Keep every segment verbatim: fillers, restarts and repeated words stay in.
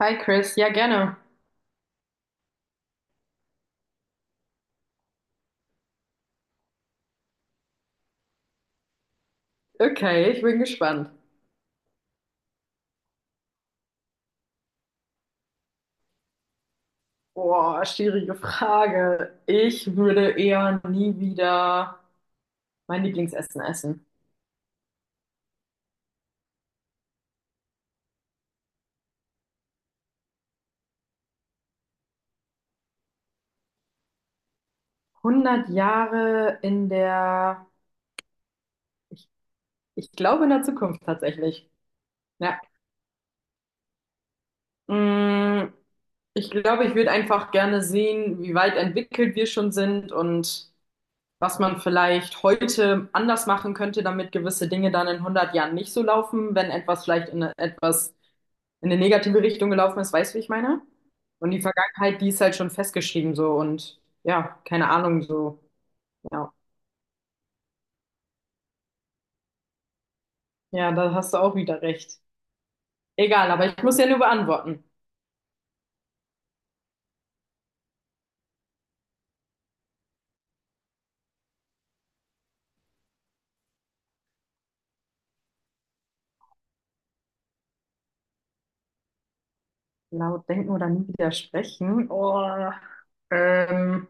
Hi Chris, ja gerne. Okay, ich bin gespannt. Boah, schwierige Frage. Ich würde eher nie wieder mein Lieblingsessen essen. hundert Jahre in der, ich, ich glaube in der Zukunft tatsächlich. Ja. Mm, ich glaube, ich würde einfach gerne sehen, wie weit entwickelt wir schon sind und was man vielleicht heute anders machen könnte, damit gewisse Dinge dann in hundert Jahren nicht so laufen, wenn etwas vielleicht in etwas in eine negative Richtung gelaufen ist, weißt du, wie ich meine? Und die Vergangenheit, die ist halt schon festgeschrieben so und ja, keine Ahnung so. Ja, ja, da hast du auch wieder recht. Egal, aber ich muss ja nur beantworten. Laut denken oder nie wieder sprechen? Oh, ähm,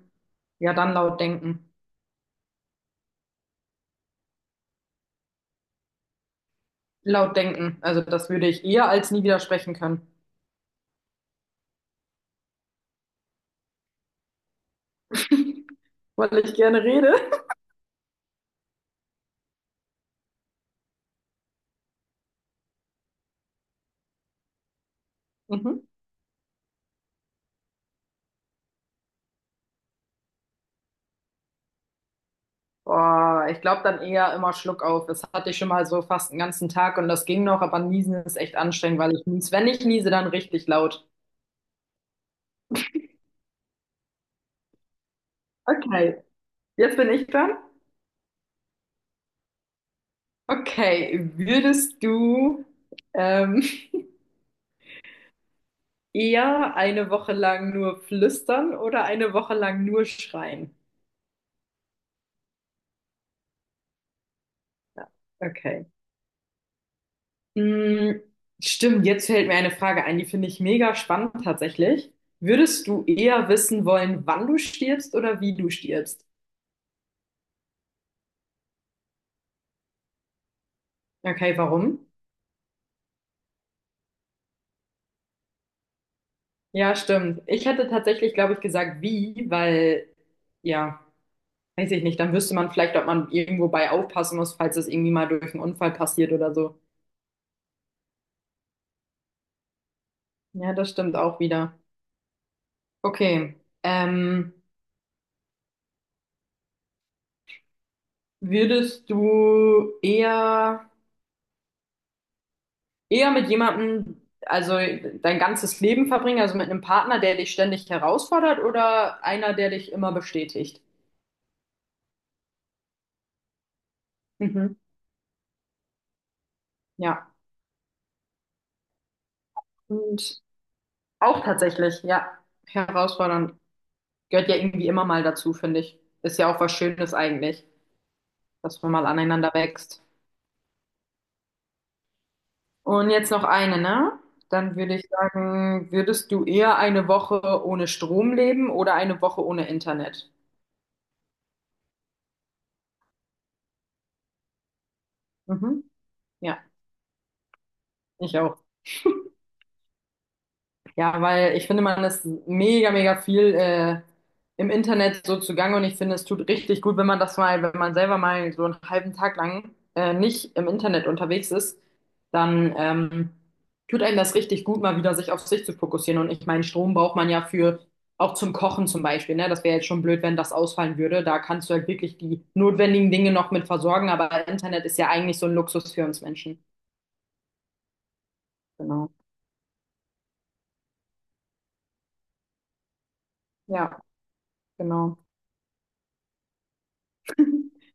ja, dann laut denken. Laut denken. Also das würde ich eher als nie wieder sprechen können, weil ich gerne rede. Mhm. Boah, ich glaube dann eher immer Schluck auf. Das hatte ich schon mal so fast einen ganzen Tag und das ging noch, aber Niesen ist echt anstrengend, weil ich nies. Wenn ich niese, dann richtig laut. Okay, jetzt bin ich dran. Okay, würdest du ähm, eher eine Woche lang nur flüstern oder eine Woche lang nur schreien? Ja, okay. Hm, stimmt, jetzt fällt mir eine Frage ein, die finde ich mega spannend tatsächlich. Würdest du eher wissen wollen, wann du stirbst oder wie du stirbst? Okay, warum? Ja, stimmt. Ich hätte tatsächlich, glaube ich, gesagt, wie, weil, ja, weiß ich nicht, dann wüsste man vielleicht, ob man irgendwo bei aufpassen muss, falls es irgendwie mal durch einen Unfall passiert oder so. Ja, das stimmt auch wieder. Okay. Ähm, würdest du eher, eher mit jemandem, also dein ganzes Leben verbringen, also mit einem Partner, der dich ständig herausfordert oder einer, der dich immer bestätigt? Mhm. Ja. Und auch tatsächlich, ja, herausfordernd. Gehört ja irgendwie immer mal dazu, finde ich. Ist ja auch was Schönes eigentlich, dass man mal aneinander wächst. Und jetzt noch eine, ne? Dann würde ich sagen, würdest du eher eine Woche ohne Strom leben oder eine Woche ohne Internet? Mhm. Ja, ich auch. Ja, weil ich finde, man ist mega, mega viel äh, im Internet so zugange und ich finde, es tut richtig gut, wenn man das mal, wenn man selber mal so einen halben Tag lang äh, nicht im Internet unterwegs ist, dann ähm, tut einem das richtig gut, mal wieder sich auf sich zu fokussieren. Und ich meine, Strom braucht man ja für auch zum Kochen zum Beispiel, ne? Das wäre jetzt schon blöd, wenn das ausfallen würde. Da kannst du halt wirklich die notwendigen Dinge noch mit versorgen, aber Internet ist ja eigentlich so ein Luxus für uns Menschen. Genau. Ja, genau.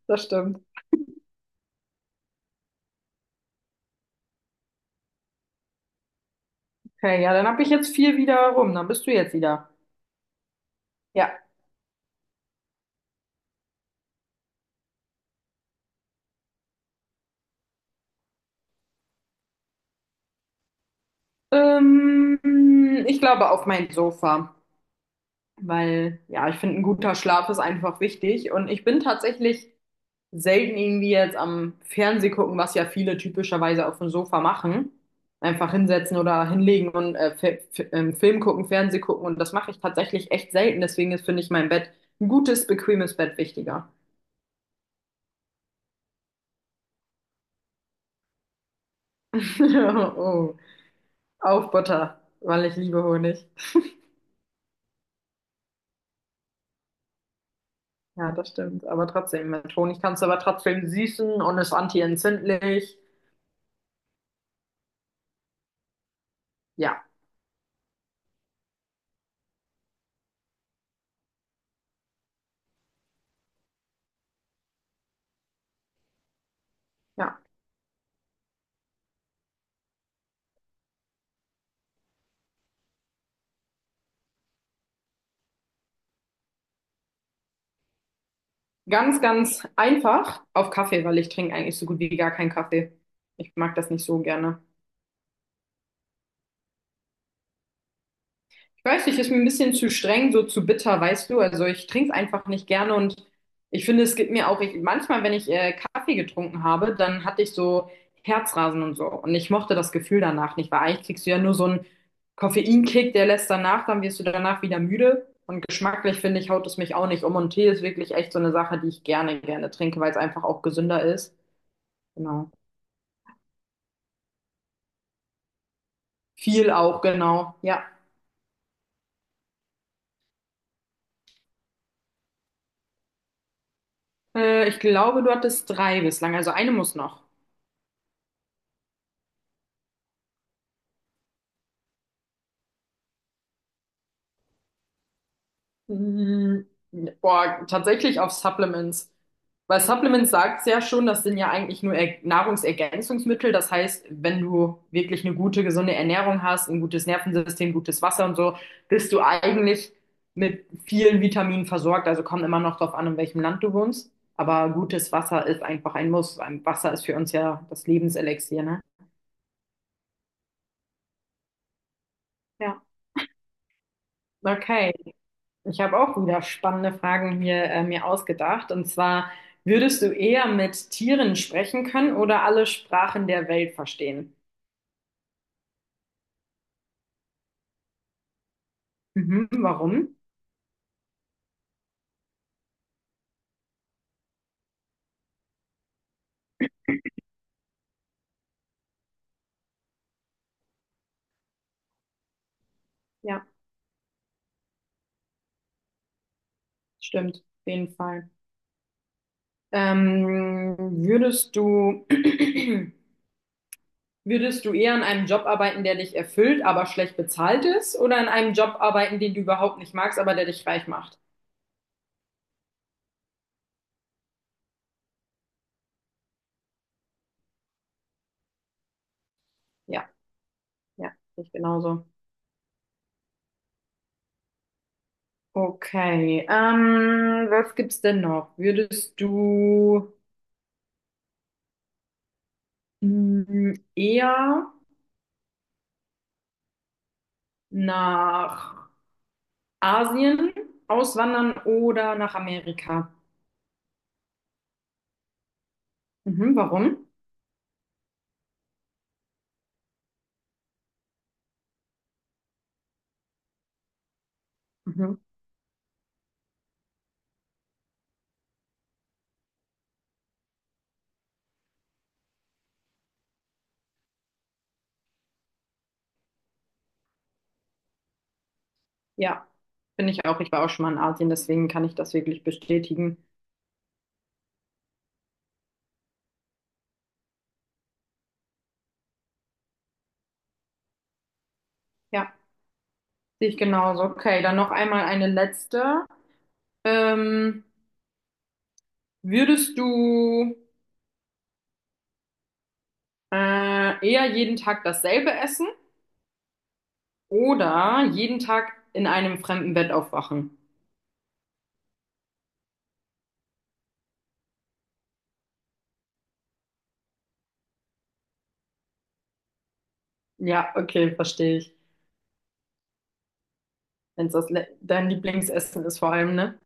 Das stimmt. Okay, ja, dann habe ich jetzt vier wieder rum. Dann bist du jetzt wieder. Ja, ähm, ich glaube auf mein Sofa, weil ja, ich finde, ein guter Schlaf ist einfach wichtig und ich bin tatsächlich selten irgendwie jetzt am Fernseh gucken, was ja viele typischerweise auf dem Sofa machen. Einfach hinsetzen oder hinlegen und äh, Fi- Fi- ähm, Film gucken, Fernseh gucken und das mache ich tatsächlich echt selten. Deswegen ist, finde ich, mein Bett ein gutes, bequemes Bett wichtiger. Oh, auf Butter, weil ich liebe Honig. Ja, das stimmt. Aber trotzdem, mit Honig kannst du aber trotzdem süßen und ist anti entzündlich. Ja, ja. Ganz, ganz einfach auf Kaffee, weil ich trinke eigentlich so gut wie gar keinen Kaffee. Ich mag das nicht so gerne. Ich weiß nicht, ist mir ein bisschen zu streng, so zu bitter, weißt du? Also ich trinke es einfach nicht gerne und ich finde, es gibt mir auch, ich, manchmal, wenn ich äh, Kaffee getrunken habe, dann hatte ich so Herzrasen und so. Und ich mochte das Gefühl danach nicht, weil eigentlich kriegst du ja nur so einen Koffeinkick, der lässt danach, dann wirst du danach wieder müde. Und geschmacklich finde ich, haut es mich auch nicht um. Und Tee ist wirklich echt so eine Sache, die ich gerne, gerne trinke, weil es einfach auch gesünder ist. Genau. Viel auch, genau. Ja. Äh, ich glaube, du hattest drei bislang, also eine muss noch. Mm, boah, tatsächlich auf Supplements. Weil Supplements sagt ja schon, das sind ja eigentlich nur Er Nahrungsergänzungsmittel. Das heißt, wenn du wirklich eine gute, gesunde Ernährung hast, ein gutes Nervensystem, gutes Wasser und so, bist du eigentlich mit vielen Vitaminen versorgt. Also kommt immer noch drauf an, in welchem Land du wohnst. Aber gutes Wasser ist einfach ein Muss. Ein Wasser ist für uns ja das Lebenselixier, ne? Ja. Okay. Ich habe auch wieder spannende Fragen hier äh, mir ausgedacht. Und zwar, würdest du eher mit Tieren sprechen können oder alle Sprachen der Welt verstehen? Mhm, warum? Ja, stimmt, auf jeden Fall. Ähm, würdest du, würdest du eher in einem Job arbeiten, der dich erfüllt, aber schlecht bezahlt ist, oder in einem Job arbeiten, den du überhaupt nicht magst, aber der dich reich macht? Ja, ja, sehe ich genauso. Okay, ähm, was gibt's denn noch? Würdest du, mm, eher nach Asien auswandern oder nach Amerika. Mhm, warum? Mhm. Ja, finde ich auch. Ich war auch schon mal in Asien, deswegen kann ich das wirklich bestätigen. Ja, sehe ich genauso. Okay, dann noch einmal eine letzte. Ähm, würdest du äh, eher jeden Tag dasselbe essen oder jeden Tag in einem fremden Bett aufwachen? Ja, okay, verstehe ich. Wenn es das Le- dein Lieblingsessen ist vor allem, ne?